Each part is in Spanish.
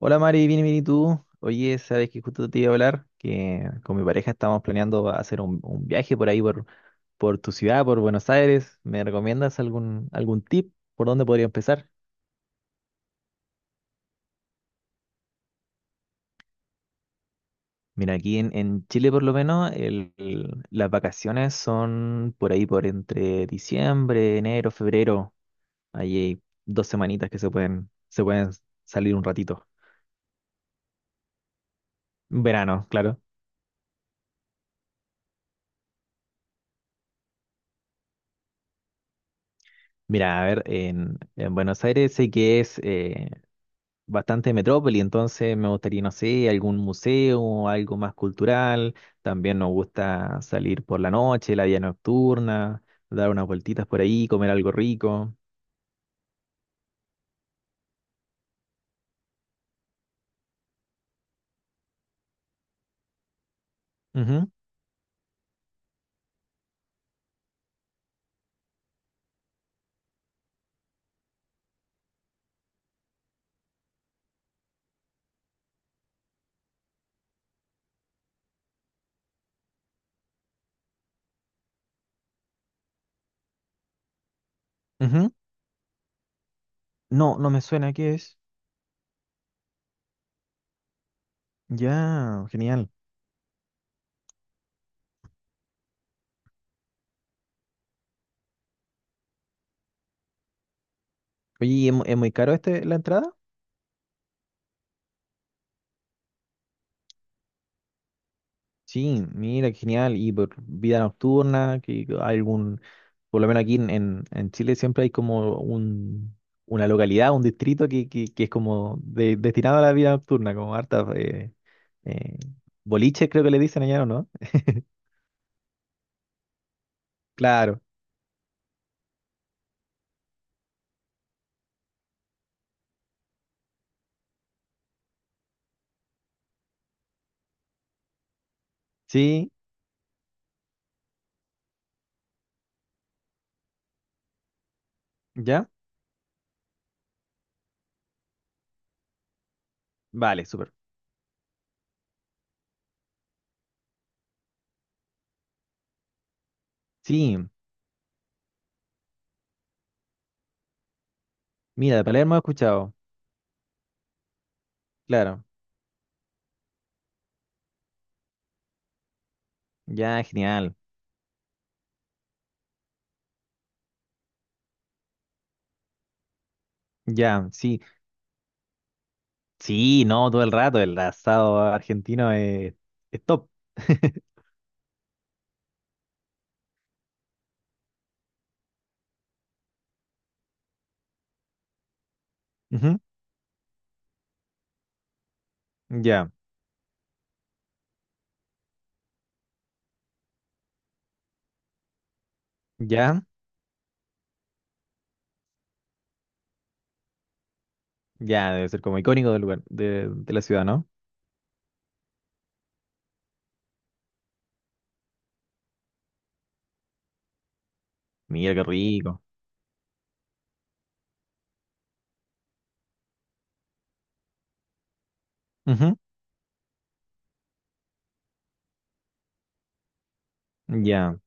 Hola Mari, bien, bien, ¿y tú? Oye, sabes que justo te iba a hablar, que con mi pareja estamos planeando hacer un viaje por ahí, por tu ciudad, por Buenos Aires. ¿Me recomiendas algún tip por dónde podría empezar? Mira, aquí en Chile por lo menos las vacaciones son por ahí, por entre diciembre, enero, febrero. Ahí hay dos semanitas que se pueden salir un ratito. Verano, claro. Mira, a ver, en Buenos Aires sé que es bastante metrópoli, entonces me gustaría, no sé, algún museo, algo más cultural. También nos gusta salir por la noche, la vida nocturna, dar unas vueltitas por ahí, comer algo rico. Ujú, ujú. No, no me suena, ¿qué es? Ya, genial. Oye, ¿Es muy caro este la entrada? Sí, mira, qué genial. Y por vida nocturna, que hay por lo menos aquí en, en Chile siempre hay como una localidad, un distrito que es como destinado a la vida nocturna, como harta eh, boliches creo que le dicen allá, ¿o no? Claro. Sí, ¿ya? Vale, súper. Sí, mira, de Palermo he escuchado. Claro. Ya, genial. Ya, sí. Sí, no, todo el rato el asado argentino es top. Ujú, ya, ya. Ya, debe ser como icónico del lugar, de la ciudad, ¿no? Mira qué rico. Ujú, Ya,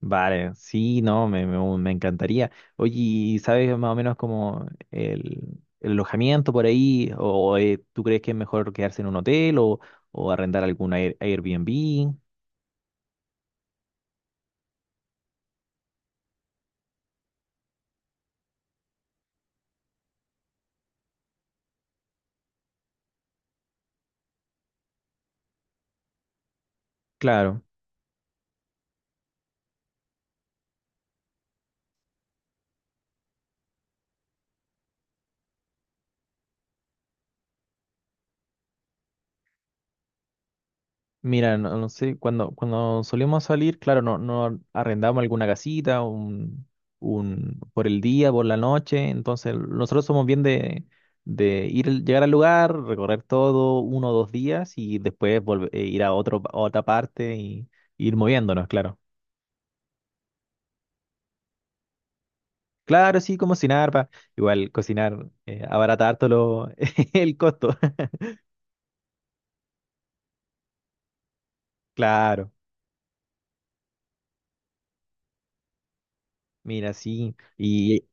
vale. Sí, no, me, me encantaría. Oye, ¿sabes más o menos como el alojamiento por ahí? ¿O tú crees que es mejor quedarse en un hotel o arrendar algún Airbnb? Claro. Mira, no, no sé, cuando solíamos salir, claro, no, no arrendamos alguna casita, por el día, por la noche, entonces nosotros somos bien de ir, llegar al lugar, recorrer todo uno o dos días y después volver, ir a otro, a otra parte y, ir moviéndonos, claro. Claro, sí, como cocinar, igual cocinar, abaratar todo el costo, claro, mira, sí, Y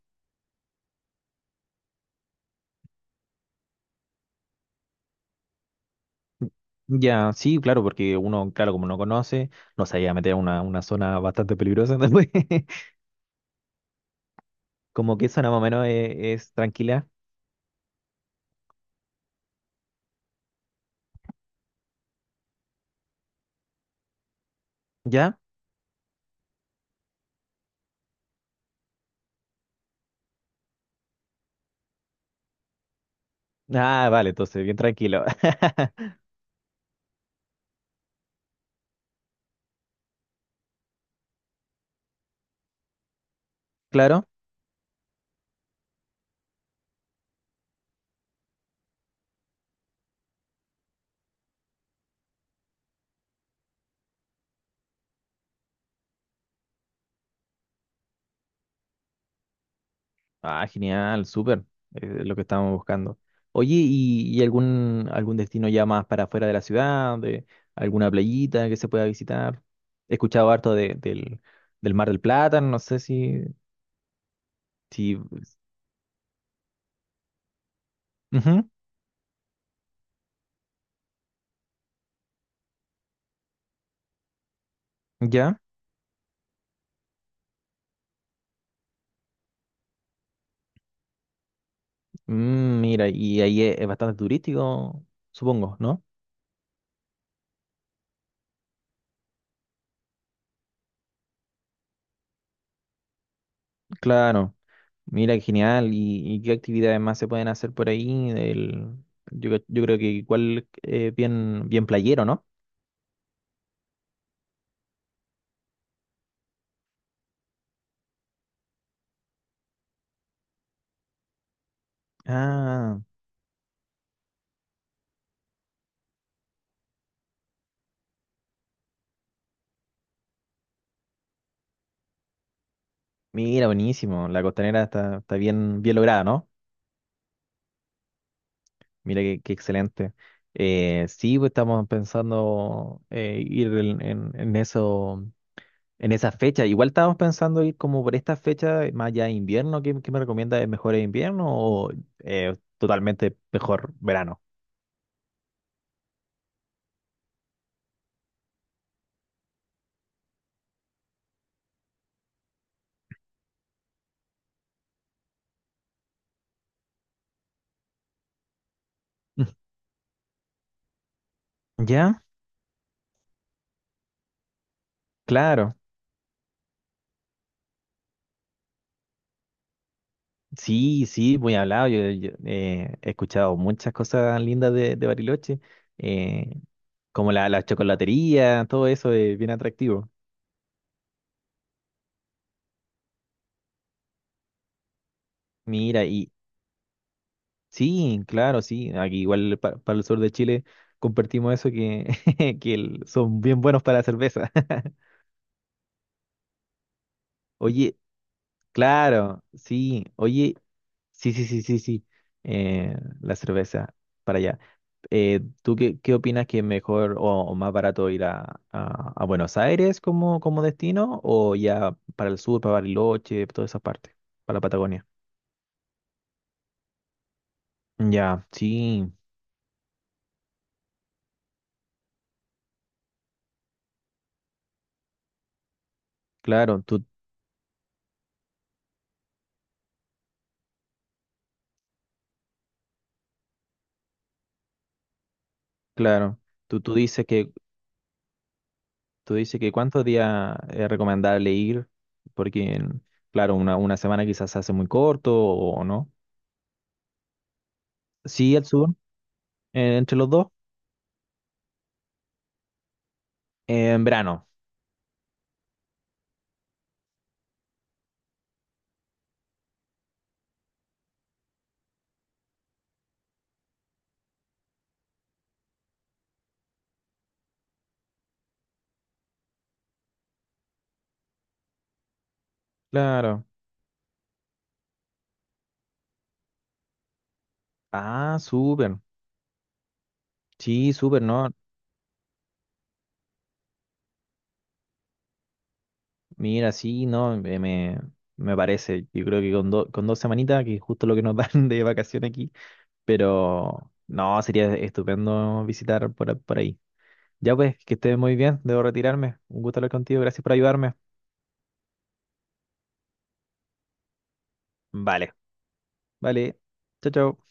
ya, sí, claro, porque uno, claro, como no conoce, no se iba a meter a una zona bastante peligrosa, entonces, como que zona más o menos tranquila, ¿ya? Ah, vale, entonces, bien tranquilo. Claro. Ah, genial, súper, lo que estábamos buscando. Oye, ¿y algún destino ya más para afuera de la ciudad, de alguna playita que se pueda visitar? He escuchado harto del Mar del Plata, no sé si. Ujú, ¿ya? Mira, y ahí es bastante turístico, supongo, ¿no? Claro, mira, qué genial. ¿Y qué actividades más se pueden hacer por ahí? Yo, yo creo que igual bien, bien playero, ¿no? Ah, mira, buenísimo. La costanera está bien, bien lograda, ¿no? Mira, qué excelente. Sí, pues estamos pensando ir en, en eso. En esa fecha, igual estábamos pensando ir como por esta fecha, más allá de invierno, ¿qué me recomienda? ¿Es mejor invierno o totalmente mejor verano? ¿Ya? Claro. Sí, sí, muy hablado. Yo he escuchado muchas cosas lindas de Bariloche, eh, como la chocolatería, todo eso es bien atractivo. Mira, y sí, claro, sí, aquí igual para el sur de Chile compartimos eso que, que son bien buenos para la cerveza. Oye, claro, sí. Oye, sí, sí, sí, sí, sí. Eh, la cerveza para allá. ¿Tú qué opinas que es mejor o, más barato ir a, a Buenos Aires como destino o ya para el sur, para Bariloche, toda esa parte, para la Patagonia? Ya, sí, claro, claro. Tú, tú dices que, tú dices que cuántos días es recomendable ir, porque, claro, una semana quizás se hace muy corto o no. Sí, el sur, entre los dos. En verano, claro. Ah, súper. Sí, súper, ¿no? Mira, sí, no, me, me parece. Yo creo que con dos semanitas, que es justo lo que nos dan de vacación aquí, pero no, sería estupendo visitar por ahí. Ya pues, que estés muy bien, debo retirarme. Un gusto hablar contigo, gracias por ayudarme. Vale, vale. Chao, chao.